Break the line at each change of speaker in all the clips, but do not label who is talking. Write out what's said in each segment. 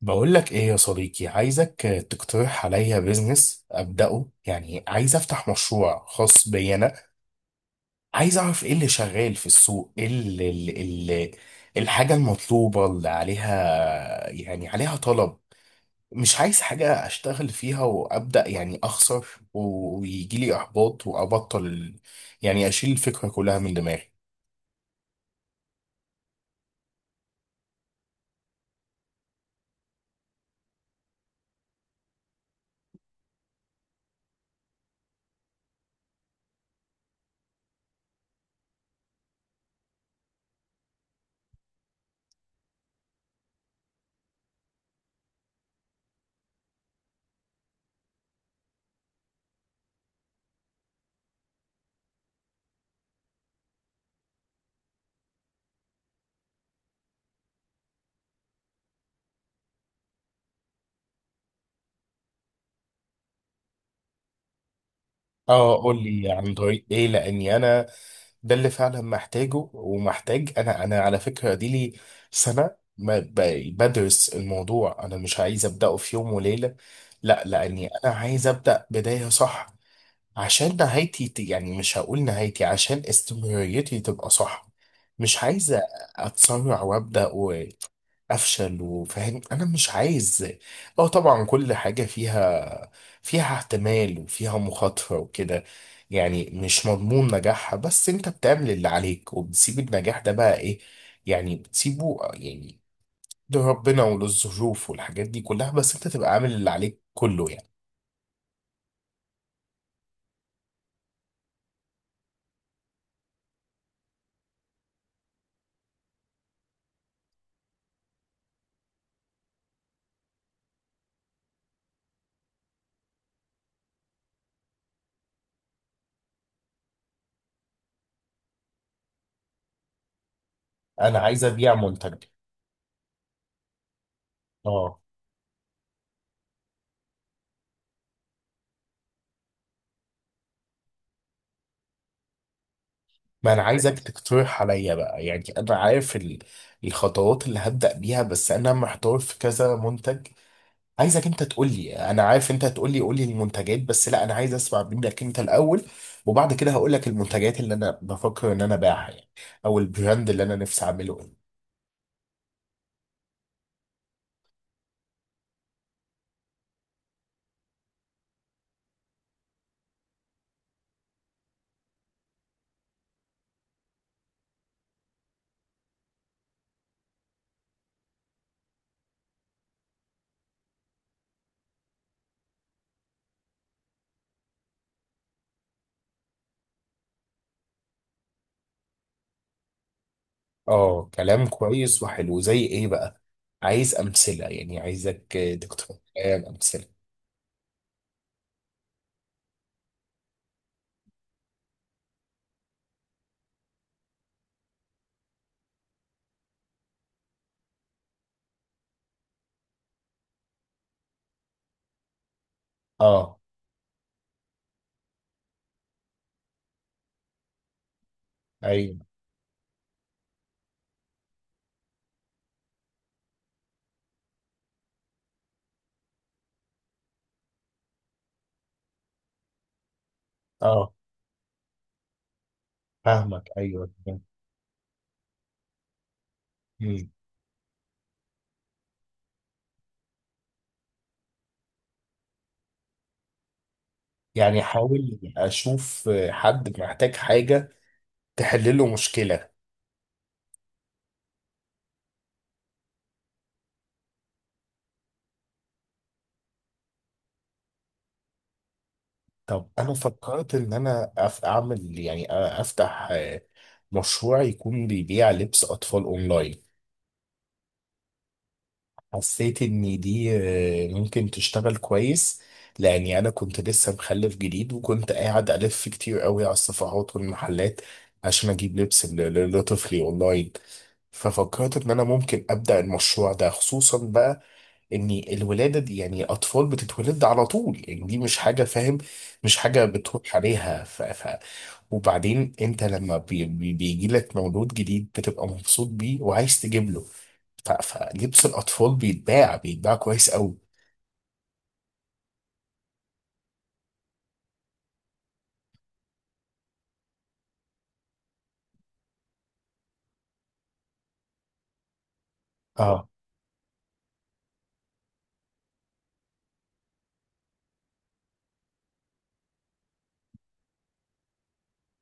بقول لك ايه يا صديقي؟ عايزك تقترح عليا بيزنس ابداه، يعني عايز افتح مشروع خاص بي انا. عايز اعرف ايه اللي شغال في السوق، ايه اللي الحاجه المطلوبه اللي عليها، يعني عليها طلب. مش عايز حاجه اشتغل فيها وابدا يعني اخسر ويجي لي احباط وابطل، يعني اشيل الفكره كلها من دماغي. اه، قول لي عن طريق ايه، لاني ده اللي فعلا محتاجه ومحتاج. انا على فكره دي لي سنه ما ب- بدرس الموضوع، انا مش عايز ابداه في يوم وليله. لا، لاني انا عايز ابدا بدايه صح، عشان يعني مش هقول نهايتي، عشان استمراريتي تبقى صح. مش عايز اتسرع وابدا افشل، وفاهم انا مش عايز. اه طبعا كل حاجه فيها احتمال وفيها مخاطره وكده، يعني مش مضمون نجاحها، بس انت بتعمل اللي عليك وبتسيب النجاح ده بقى ايه، يعني بتسيبه يعني لربنا وللظروف والحاجات دي كلها، بس انت تبقى عامل اللي عليك كله يعني. انا عايز ابيع منتج. اه، ما انا عايزك تقترح عليا بقى، يعني انا عارف الخطوات اللي هبدأ بيها، بس انا محتار في كذا منتج. عايزك انت تقول لي، انا عارف انت تقول لي قول لي المنتجات، بس لا انا عايز اسمع منك انت الاول، وبعد كده هقول لك المنتجات اللي انا بفكر ان انا ابيعها يعني، او البراند اللي انا نفسي اعمله ايه. اه كلام كويس وحلو. زي ايه بقى؟ عايز امثله، يعني عايزك تقترح لي امثله. اه. ايوه. اه فاهمك، ايوه تمام. مم. يعني حاول اشوف حد محتاج حاجه تحل له مشكله. طب انا فكرت ان انا اعمل، يعني افتح مشروع يكون بيبيع لبس اطفال اونلاين. حسيت ان دي ممكن تشتغل كويس، لاني انا كنت لسه مخلف جديد وكنت قاعد الف كتير قوي على الصفحات والمحلات عشان اجيب لبس لطفلي اونلاين. ففكرت ان انا ممكن ابدا المشروع ده، خصوصا بقى ان الولاده دي يعني اطفال بتتولد على طول، يعني دي مش حاجه، فاهم، مش حاجه بتروح عليها. وبعدين انت لما بي بي بيجي لك مولود جديد بتبقى مبسوط بيه وعايز تجيب له. فلبس الاطفال بيتباع كويس قوي. اه.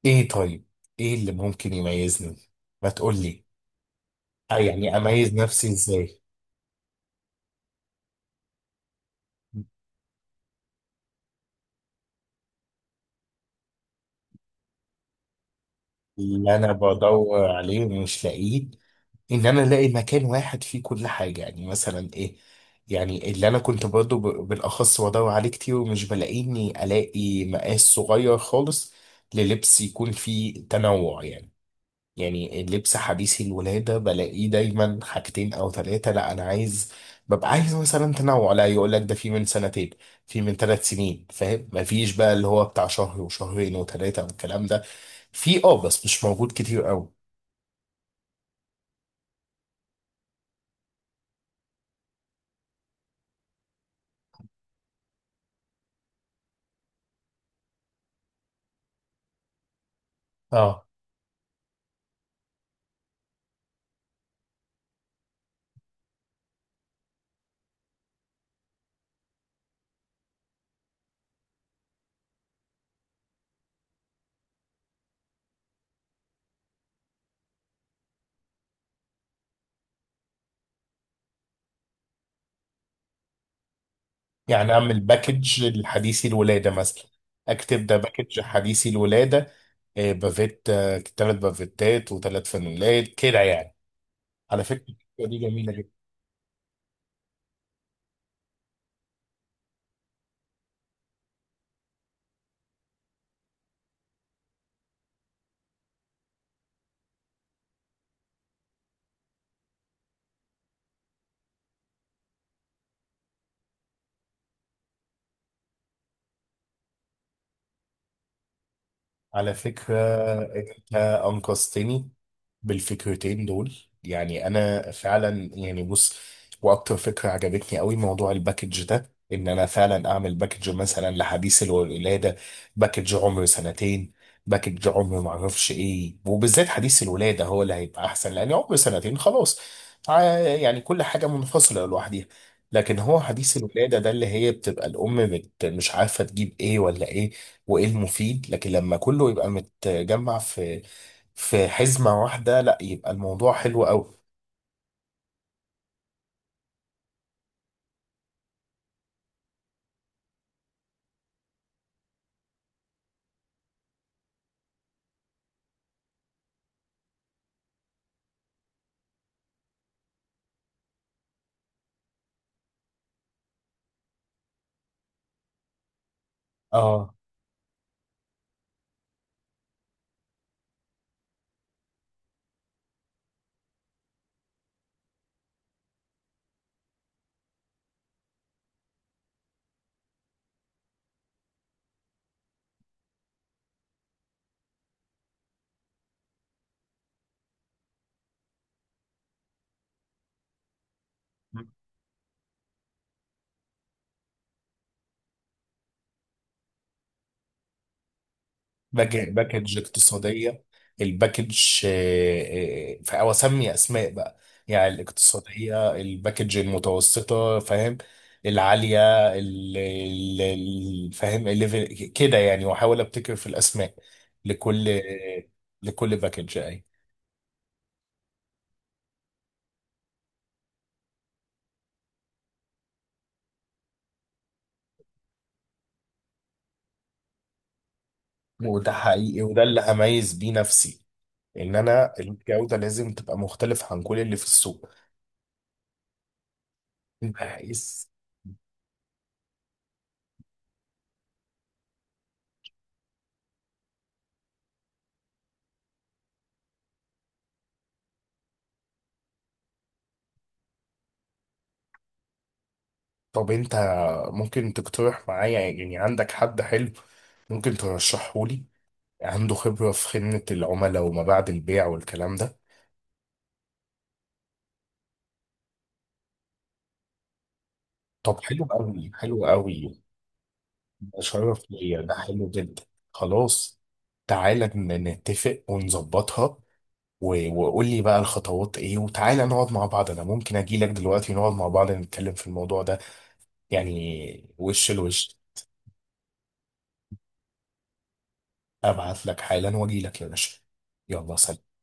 ايه طيب، ايه اللي ممكن يميزني؟ ما تقول لي. يعني اميز نفسي ازاي. اللي انا بدور عليه ومش لاقيه ان انا الاقي مكان واحد فيه كل حاجه، يعني مثلا ايه، يعني اللي انا كنت برضو بالاخص بدور عليه كتير ومش بلاقيه، اني الاقي مقاس صغير خالص، للبس يكون فيه تنوع يعني. يعني اللبس حديث الولاده بلاقيه دايما حاجتين او ثلاثه، لا انا عايز، ببقى عايز مثلا تنوع، لا يقول لك ده في من سنتين، في من ثلاث سنين، فاهم، مفيش بقى اللي هو بتاع شهر وشهرين وثلاثه والكلام ده. في اه، بس مش موجود كتير قوي. يعني اعمل باكج لحديثي الولاده مثلا، اكتب ده باكج حديثي الولاده. بافيت، ثلاث بافيتات وثلاث فانيلات كده يعني. على فكره الفكرة دي جميله. على فكرة أنت أنقذتني بالفكرتين دول. يعني أنا فعلا يعني بص، وأكتر فكرة عجبتني قوي موضوع الباكج ده، إن أنا فعلا أعمل باكج مثلا لحديث الولادة، باكج عمر سنتين، باكج عمر معرفش إيه. وبالذات حديث الولادة هو اللي هيبقى أحسن، لأن عمر سنتين خلاص يعني كل حاجة منفصلة لوحدها. لكن هو حديث الولادة ده اللي هي بتبقى الأم مش عارفة تجيب إيه ولا إيه وايه المفيد. لكن لما كله يبقى متجمع في في حزمة واحدة، لا يبقى الموضوع حلو قوي. اه، باكج اقتصادية. الباكج او اسمي اسماء بقى، يعني الاقتصادية، الباكج المتوسطة، فاهم، العالية، فاهم الليفل كده يعني، واحاول ابتكر في الاسماء لكل، لكل باكج اي. وده حقيقي، وده اللي هميز بيه نفسي، ان انا الجودة لازم تبقى مختلفة عن كل اللي في السوق. انت عايز. طب انت ممكن تقترح معايا، يعني عندك حد حلو ممكن ترشحه لي، عنده خبرة في خدمة العملاء وما بعد البيع والكلام ده؟ طب حلو قوي، حلو قوي. ده شرف ليا، ده حلو جدا. خلاص، تعالى نتفق ونظبطها، وقول لي بقى الخطوات ايه، وتعالى نقعد مع بعض، انا ممكن اجي لك دلوقتي نقعد مع بعض نتكلم في الموضوع ده، يعني وش لوش. ابعت لك حالا واجي لك يا باشا. يلا سلام.